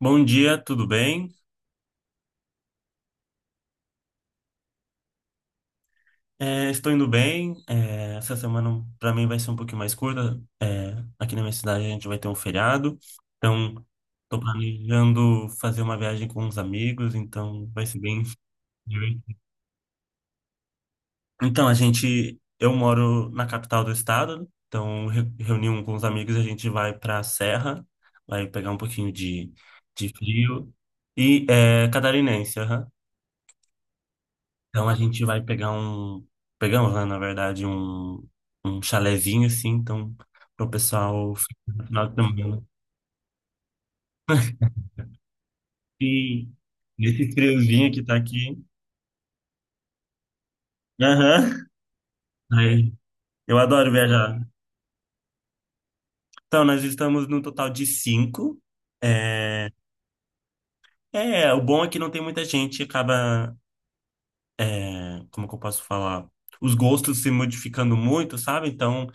Bom dia, tudo bem? Estou indo bem. Essa semana para mim vai ser um pouquinho mais curta. Aqui na minha cidade a gente vai ter um feriado, então estou planejando fazer uma viagem com uns amigos, então vai ser bem divertido. Então, eu moro na capital do estado, então reuni um com os amigos e a gente vai para a serra, vai pegar um pouquinho de, frio e catarinense. Então a gente vai pegar um. Pegamos, né, na verdade, um chalezinho assim, então, para o pessoal ficar no final de semana. E nesse friozinho que tá aqui. Aham. Aí, eu adoro viajar. Então, nós estamos no total de cinco. É, o bom é que não tem muita gente, acaba, como que eu posso falar? Os gostos se modificando muito, sabe? Então,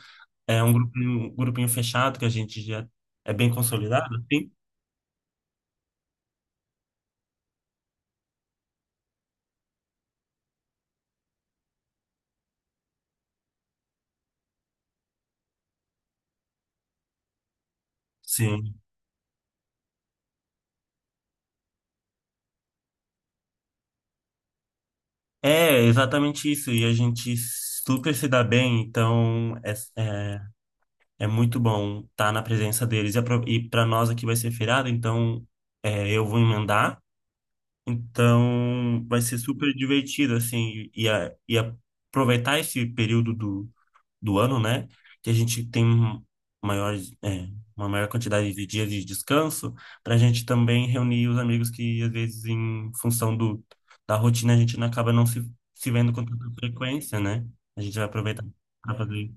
é um grupinho fechado que a gente já é bem consolidado, assim. Sim. Exatamente isso. E a gente super se dá bem, então é muito bom estar na presença deles. E para nós aqui vai ser feriado, então eu vou emendar. Então vai ser super divertido, assim, e aproveitar esse período do ano, né? Que a gente tem maiores, é, uma maior quantidade de dias de descanso para a gente também reunir os amigos que, às vezes, em função do, da rotina, a gente não acaba não se vendo com tanta frequência, né? A gente vai aproveitar para fazer.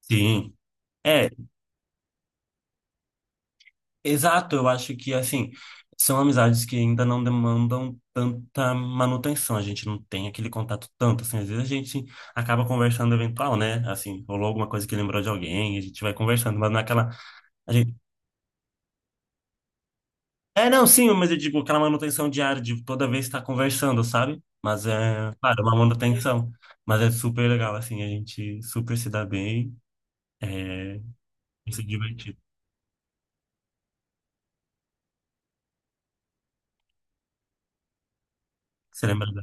Sim. É, Exato. Eu acho que, assim, são amizades que ainda não demandam tanta manutenção. A gente não tem aquele contato tanto, assim. Às vezes a gente acaba conversando eventual, né? Assim, rolou alguma coisa que lembrou de alguém, a gente vai conversando, mas não é aquela. A gente... Não, sim, mas eu digo aquela manutenção diária de toda vez estar conversando, sabe? Mas é, claro, uma manutenção. Mas é super legal, assim, a gente super se dá bem, é, e se divertir, se lembra da...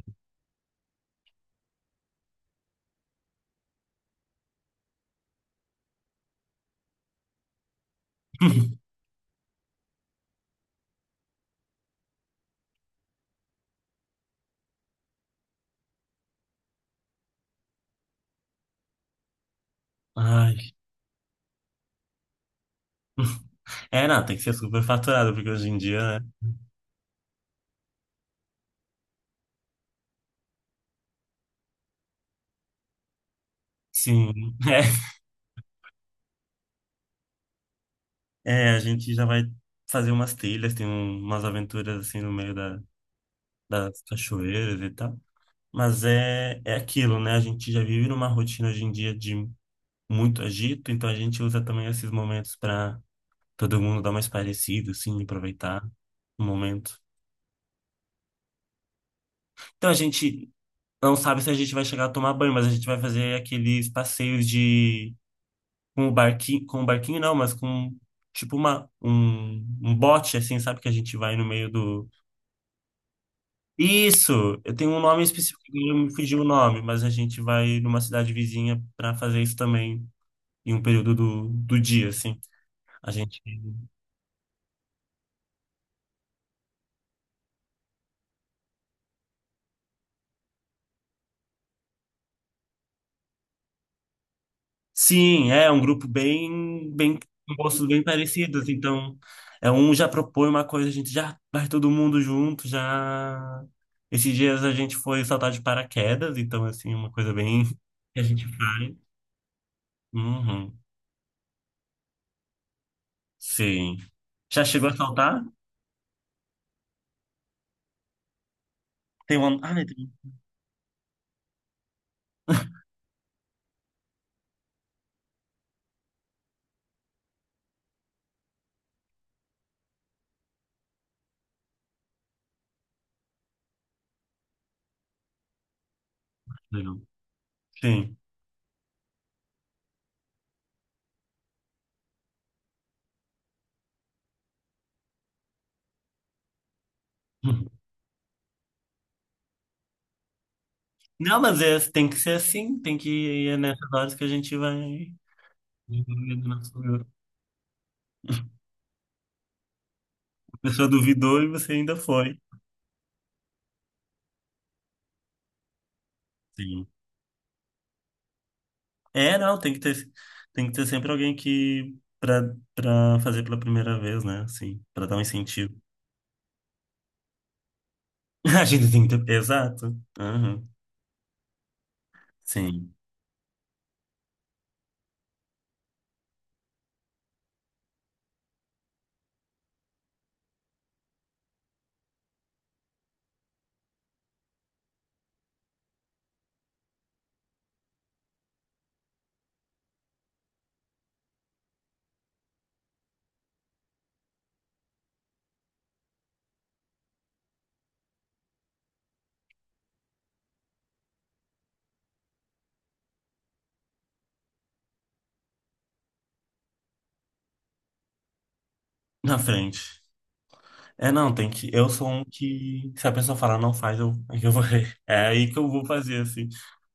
Ai. Não, tem que ser super faturado, porque hoje em dia, né? Sim, a gente já vai fazer umas trilhas, tem umas aventuras, assim, no meio da, das cachoeiras e tal. Mas é aquilo, né? A gente já vive numa rotina hoje em dia de muito agito, então a gente usa também esses momentos para todo mundo dar mais parecido, assim, aproveitar o momento. Então a gente não sabe se a gente vai chegar a tomar banho, mas a gente vai fazer aqueles passeios de com o barquinho não, mas com tipo um bote assim, sabe que a gente vai no meio do. Isso, eu tenho um nome específico, eu me fugiu o nome, mas a gente vai numa cidade vizinha para fazer isso também em um período do dia, assim. A gente. Sim, é um grupo bem, bem, com gostos bem parecidos, então é um já propõe uma coisa, a gente já vai todo mundo junto, já esses dias a gente foi saltar de paraquedas, então assim, uma coisa bem que a gente faz. Uhum, sim. Já chegou a saltar? Tem uma, ai, tem uma. Legal. Sim. Não, mas tem que ser assim, tem que é nessas horas que a gente vai. A pessoa duvidou e você ainda foi. Sim. Não, tem que ter sempre alguém que para fazer pela primeira vez, né? Assim, para dar um incentivo. A gente tem que ter, exato. Aham. Sim, na frente. Não, tem que. Eu sou um que se a pessoa falar não faz, aí eu vou. É aí que eu vou fazer assim.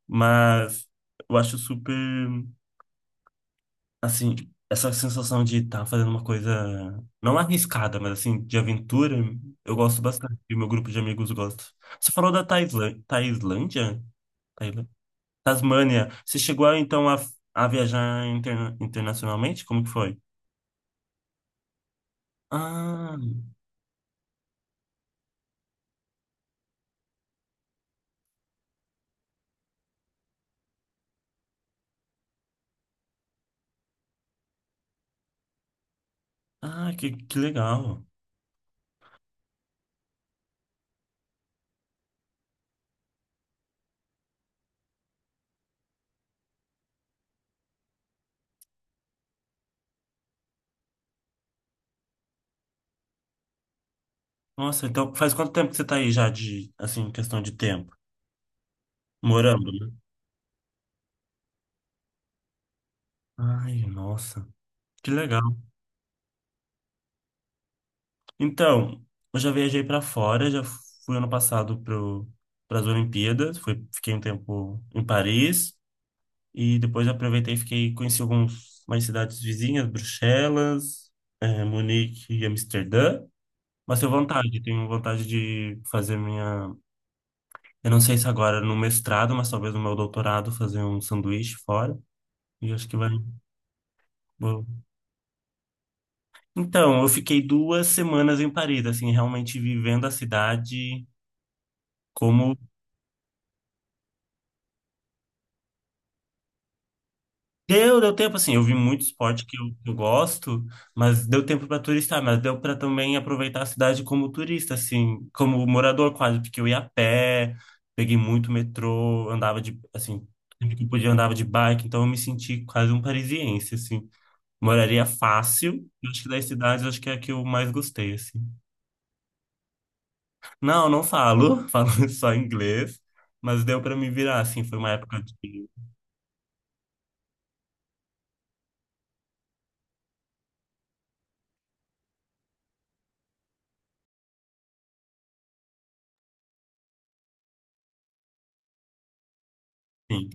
Mas eu acho super assim, essa sensação de estar fazendo uma coisa não arriscada, mas assim, de aventura, eu gosto bastante. E o meu grupo de amigos gosta. Você falou da Tailândia? Taylor. Tasmânia. Você chegou então a viajar internacionalmente? Como que foi? Ah, ah, que legal. Nossa, então faz quanto tempo que você tá aí já de, assim, questão de tempo? Morando, né? Ai, nossa, que legal. Então, eu já viajei pra fora, já fui ano passado pro, para as Olimpíadas, fui, fiquei um tempo em Paris e depois aproveitei e fiquei, conheci algumas mais cidades vizinhas, Bruxelas, Munique e Amsterdã. Mas tenho vontade de fazer minha. Eu não sei se agora no mestrado, mas talvez no meu doutorado, fazer um sanduíche fora. E acho que vai. Vou-. Então, eu fiquei 2 semanas em Paris, assim, realmente vivendo a cidade como. Deu tempo, assim, eu vi muito esporte que eu gosto, mas deu tempo para turistar, mas deu para também aproveitar a cidade como turista, assim, como morador quase, porque eu ia a pé, peguei muito metrô, andava de, assim, sempre que podia andava de bike, então eu me senti quase um parisiense, assim. Moraria fácil, eu acho que das cidades, eu acho que é a que eu mais gostei, assim. Não, não falo, falo só inglês, mas deu para me virar, assim, foi uma época de, sim.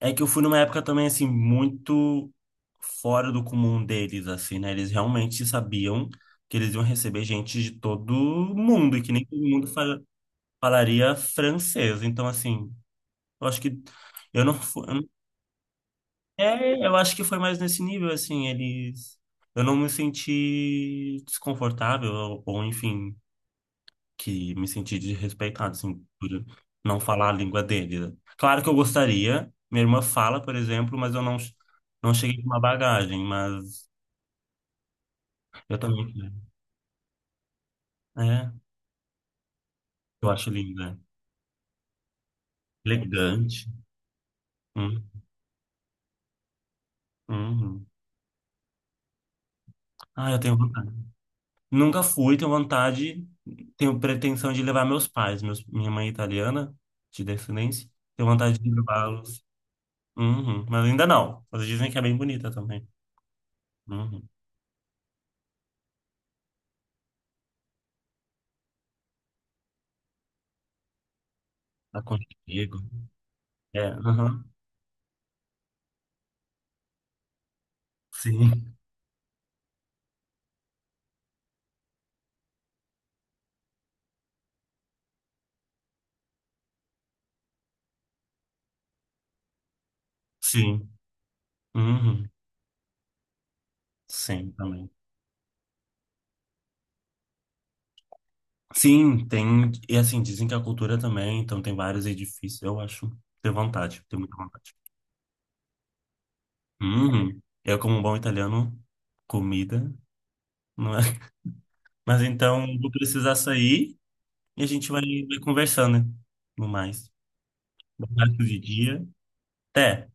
É que eu fui numa época também, assim, muito fora do comum deles, assim, né? Eles realmente sabiam que eles iam receber gente de todo mundo e que nem todo mundo falaria francês. Então, assim, eu acho que eu não fui. Eu não-. Eu acho que foi mais nesse nível, assim, eles. Eu não me senti desconfortável, ou, enfim que me senti desrespeitado, assim, por não falar a língua dele. Claro que eu gostaria, minha irmã fala, por exemplo, mas eu não cheguei com uma bagagem, mas eu também quero. É, eu acho linda. Elegante. Hum, hum. Ah, eu tenho vontade. Nunca fui, tenho vontade, tenho pretensão de levar meus pais, meus, minha mãe é italiana, de descendência, tenho vontade de levá-los. Uhum, mas ainda não. Mas dizem que é bem bonita também. Uhum. Aconchego. Aham. Sim. Sim. Uhum. Sim, também. Sim, tem. E assim, dizem que a cultura também, então tem vários edifícios. Eu acho. Tenho vontade, tenho muita vontade. Uhum. Eu, como um bom italiano, comida, não é? Mas então, vou precisar sair e a gente vai conversando, né? No mais. Boa tarde de dia. Até!